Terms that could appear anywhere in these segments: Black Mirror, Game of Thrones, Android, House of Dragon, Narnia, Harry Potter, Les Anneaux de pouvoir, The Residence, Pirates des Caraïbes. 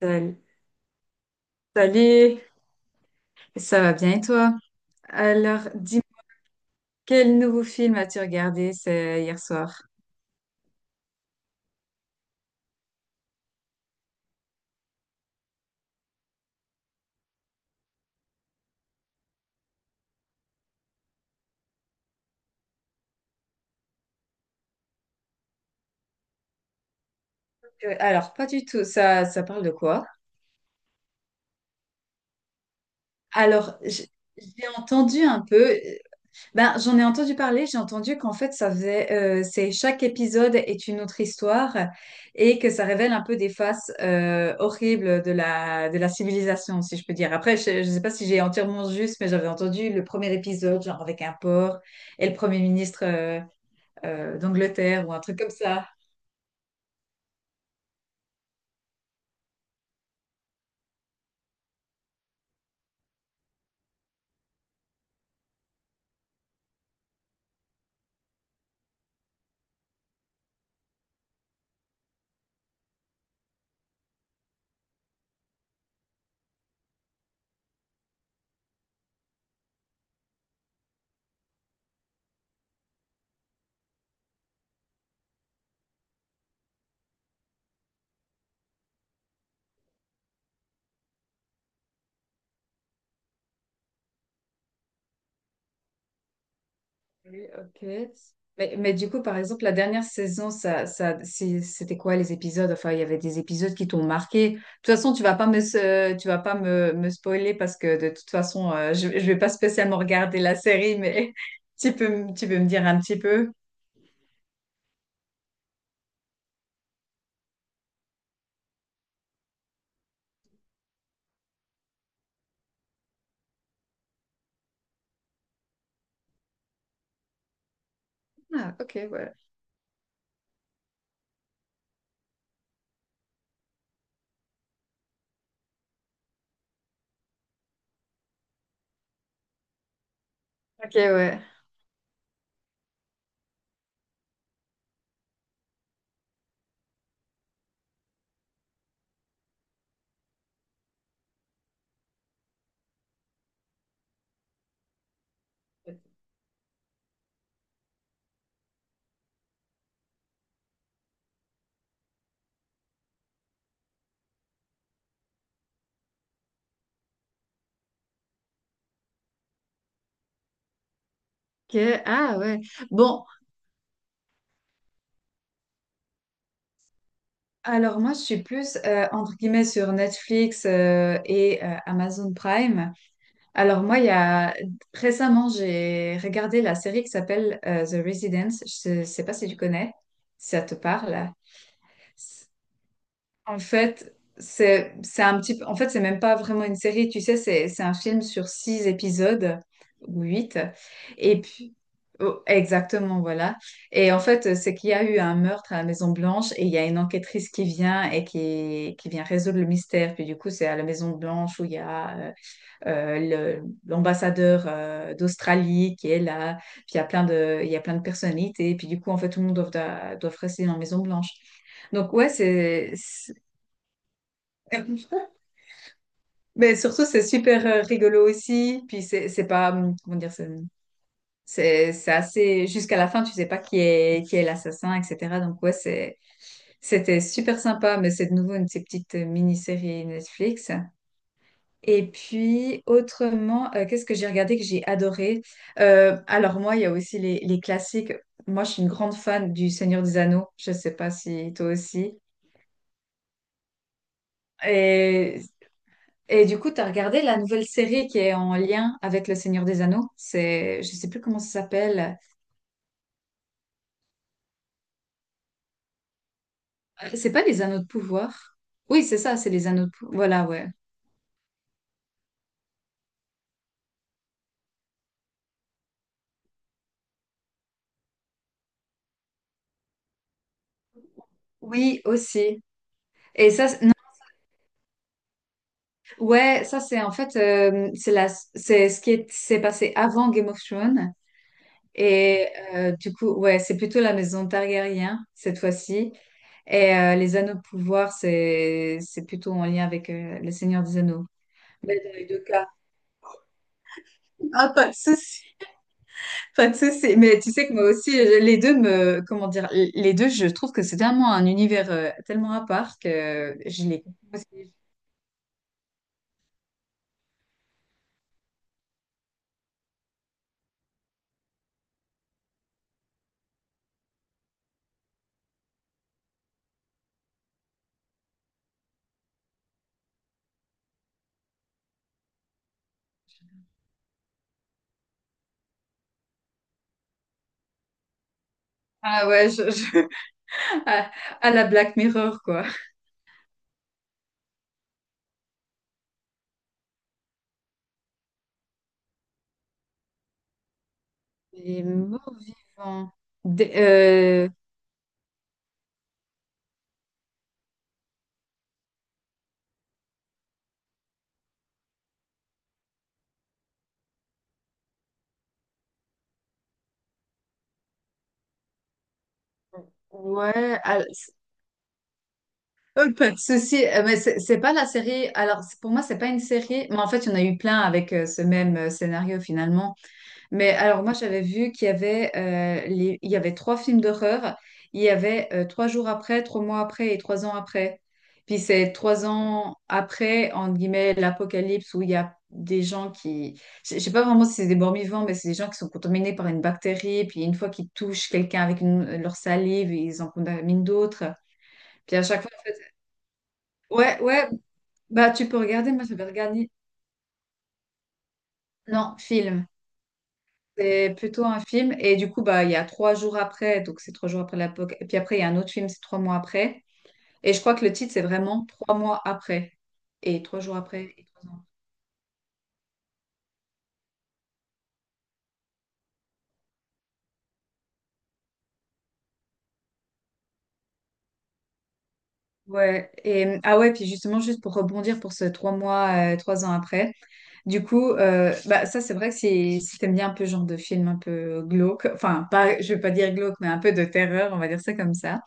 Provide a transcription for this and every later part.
Salut, salut. Ça va bien, et toi? Alors, dis-moi, quel nouveau film as-tu regardé c'est hier soir? Alors, pas du tout, ça parle de quoi? Alors, j'ai entendu un peu. Ben, j'en ai entendu parler, j'ai entendu qu'en fait, ça faisait, c'est chaque épisode est une autre histoire et que ça révèle un peu des faces horribles de la civilisation, si je peux dire. Après, je ne sais pas si j'ai entièrement juste, mais j'avais entendu le premier épisode, genre avec un porc et le premier ministre d'Angleterre ou un truc comme ça. Oui, ok. Mais du coup, par exemple, la dernière saison, ça, c'était quoi les épisodes? Enfin, il y avait des épisodes qui t'ont marqué. De toute façon, tu vas pas me, se- tu vas pas me, me spoiler parce que de toute façon, je vais pas spécialement regarder la série, mais tu peux me dire un petit peu. Ah, ok, ouais. Ok, ouais. Ok, ah ouais. Bon, alors moi, je suis plus, entre guillemets, sur Netflix, et Amazon Prime. Alors moi, il y a récemment, j'ai regardé la série qui s'appelle The Residence. Je ne sais pas si tu connais, si ça te parle. C'est- En fait, c'est un petit peu. En fait, c'est même pas vraiment une série, tu sais, c'est un film sur six épisodes ou huit. Et puis, oh, exactement, voilà. Et en fait, c'est qu'il y a eu un meurtre à la Maison Blanche et il y a une enquêtrice qui vient et qui vient résoudre le mystère. Puis du coup, c'est à la Maison Blanche où il y a euh, l'ambassadeur d'Australie qui est là, puis il y a plein de personnalités, et puis du coup, en fait, tout le monde doit rester dans la Maison Blanche. Donc, ouais, c'est. Mais surtout, c'est super rigolo aussi, puis c'est pas, comment dire, c'est assez. Jusqu'à la fin, tu sais pas qui est l'assassin, etc. Donc, ouais, c'était super sympa, mais c'est de nouveau une de ces petites mini-séries Netflix. Et puis, autrement, qu'est-ce que j'ai regardé que j'ai adoré? Alors, moi, il y a aussi les classiques. Moi, je suis une grande fan du Seigneur des Anneaux. Je ne sais pas si toi aussi. Et, et du coup, tu as regardé la nouvelle série qui est en lien avec le Seigneur des Anneaux. C'est, je sais plus comment ça s'appelle. C'est pas les Anneaux de pouvoir. Oui, c'est ça, c'est les Anneaux de pouvoir. Voilà, ouais. Oui, aussi. Et ça, non. Ouais, ça c'est en fait c'est ce qui s'est passé avant Game of Thrones. Et du coup, ouais, c'est plutôt la maison Targaryen cette fois-ci. Et les anneaux de pouvoir, c'est plutôt en lien avec le Seigneur des Anneaux. Mais dans les deux cas. Ah, pas de souci. Pas de souci. Mais tu sais que moi aussi, les deux me, comment dire, les deux, je trouve que c'est tellement un univers tellement à part que je les. Ah ouais, à, à la Black Mirror quoi. Les morts vivants. Des- euh, ouais. Oh, pas de souci. Mais c'est pas la série. Alors, pour moi, c'est pas une série. Mais en fait, il y en a eu plein avec ce même scénario finalement. Mais alors, moi, j'avais vu qu'il y avait, il y avait trois films d'horreur. Il y avait 3 jours après, 3 mois après et 3 ans après. Puis c'est 3 ans après, entre guillemets, l'apocalypse où il y a des gens qui. Je sais pas vraiment si c'est des morts-vivants, mais c'est des gens qui sont contaminés par une bactérie. Puis une fois qu'ils touchent quelqu'un avec leur salive, ils en contaminent d'autres. Puis à chaque fois. Ouais, ouais, bah tu peux regarder, moi j'avais regardé. Non, film. C'est plutôt un film. Et du coup, bah il y a 3 jours après, donc c'est 3 jours après la. Et puis après, il y a un autre film, c'est 3 mois après. Et je crois que le titre, c'est vraiment 3 mois après. Et 3 jours après, et 3 ans. Ouais. Et ah ouais, puis justement, juste pour rebondir pour ce 3 mois, 3 ans après. Du coup, bah, ça, c'est vrai que si t'aimes bien un peu ce genre de film un peu glauque, enfin, pas, je vais pas dire glauque, mais un peu de terreur, on va dire ça comme ça.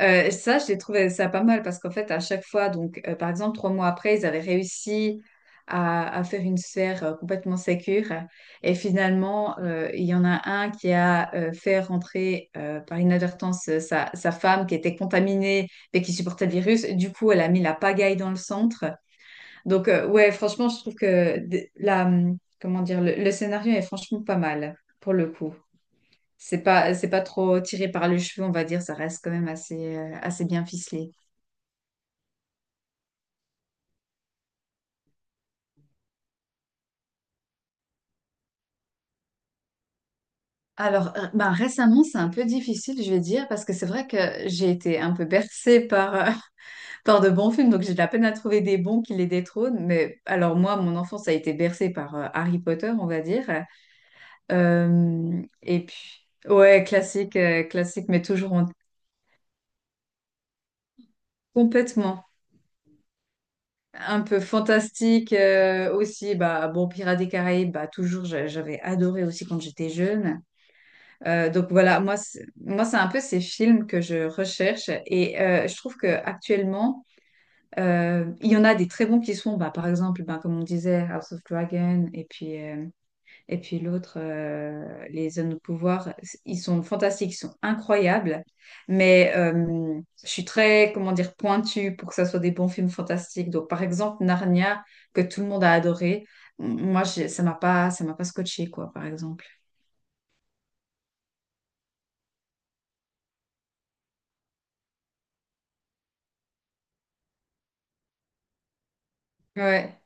Ça, j'ai trouvé ça pas mal parce qu'en fait, à chaque fois, donc, par exemple, 3 mois après, ils avaient réussi à faire une sphère complètement sécure. Et finalement, il y en a un qui a fait rentrer par inadvertance sa femme qui était contaminée mais qui supportait le virus. Du coup, elle a mis la pagaille dans le centre. Donc, ouais, franchement, je trouve que comment dire, le scénario est franchement pas mal pour le coup. C'est pas trop tiré par les cheveux, on va dire, ça reste quand même assez, assez bien ficelé. Alors, ben, récemment, c'est un peu difficile, je vais dire, parce que c'est vrai que j'ai été un peu bercée par de bons films, donc j'ai de la peine à trouver des bons qui les détrônent. Mais alors, moi, mon enfance a été bercée par Harry Potter, on va dire. Et puis, ouais, classique, classique, mais toujours complètement un peu fantastique aussi bah bon Pirates des Caraïbes bah toujours j'avais adoré aussi quand j'étais jeune. Donc voilà, moi, c'est un peu ces films que je recherche et je trouve que actuellement, il y en a des très bons qui sont, bah, par exemple, bah, comme on disait, House of Dragon et puis l'autre, Les zones de Pouvoir, ils sont fantastiques, ils sont incroyables, mais je suis très, comment dire, pointue pour que ça soit des bons films fantastiques. Donc par exemple, Narnia, que tout le monde a adoré, moi, ça m'a pas scotché, quoi, par exemple. Ouais.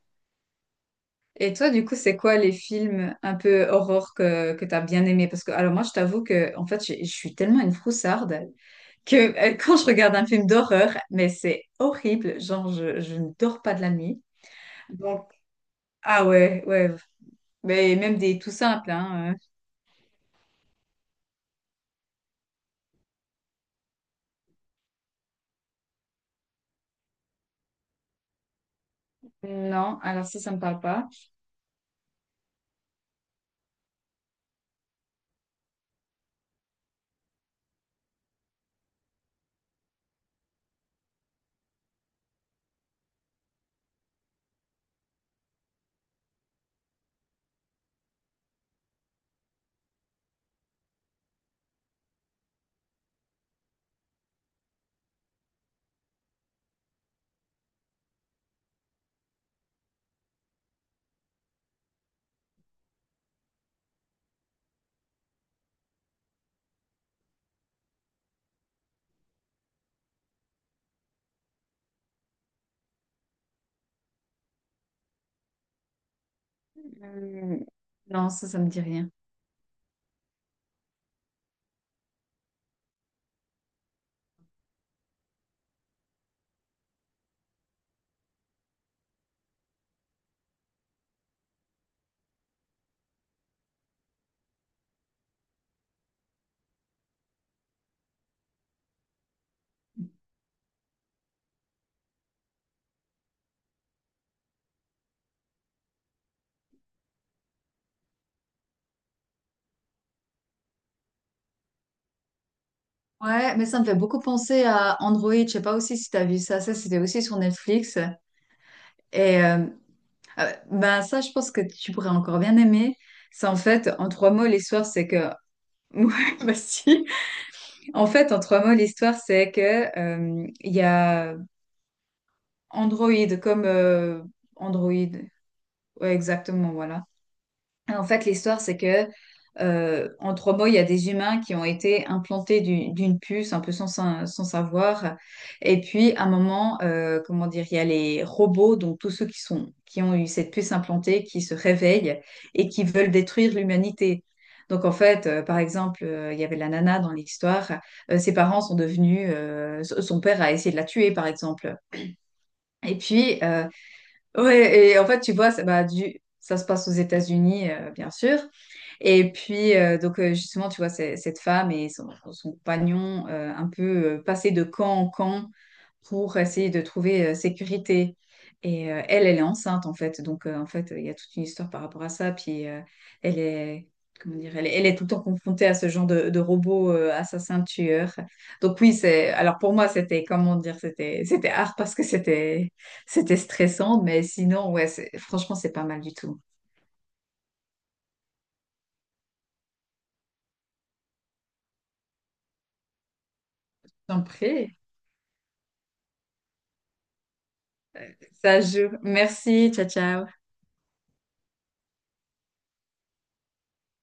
Et toi, du coup, c'est quoi les films un peu horreur que t'as bien aimé? Parce que, alors moi, je t'avoue que, en fait, je suis tellement une froussarde que quand je regarde un film d'horreur, mais c'est horrible, genre, je ne dors pas de la nuit. Donc, ah ouais, ouais, mais même des tout simples, hein. Non, alors ça me parle pas. Hum, Non, ça me dit rien. Ouais, mais ça me fait beaucoup penser à Android. Je sais pas aussi si t'as vu ça. Ça, c'était aussi sur Netflix. Et euh, Ah ouais, bah ça, je pense que tu pourrais encore bien aimer. C'est en fait, en trois mots, l'histoire, c'est que. Ouais, bah si. En fait, en trois mots, l'histoire, c'est que il y a Android comme Android. Ouais, exactement, voilà. En fait, l'histoire, c'est que, en trois mots, il y a des humains qui ont été implantés d'une puce, un peu sans savoir. Et puis, à un moment, comment dire, il y a les robots, donc tous ceux qui sont, qui ont eu cette puce implantée, qui se réveillent et qui veulent détruire l'humanité. Donc, en fait, par exemple, il y avait la nana dans l'histoire. Ses parents sont devenus, son père a essayé de la tuer, par exemple. Et puis, ouais, et en fait, tu vois, ça, bah, ça se passe aux États-Unis, bien sûr. Et puis, donc, justement, tu vois, cette femme et son compagnon, un peu passaient de camp en camp pour essayer de trouver sécurité. Elle, elle est enceinte, en fait. Donc, en fait, il y a toute une histoire par rapport à ça. Puis, elle est, comment dire, elle est tout le temps confrontée à ce genre de robot assassin tueur. Donc, oui, alors pour moi, c'était, comment dire, c'était hard parce que c'était stressant. Mais sinon, ouais, franchement, c'est pas mal du tout. J'en prie. Ça joue. Merci. Ciao, ciao.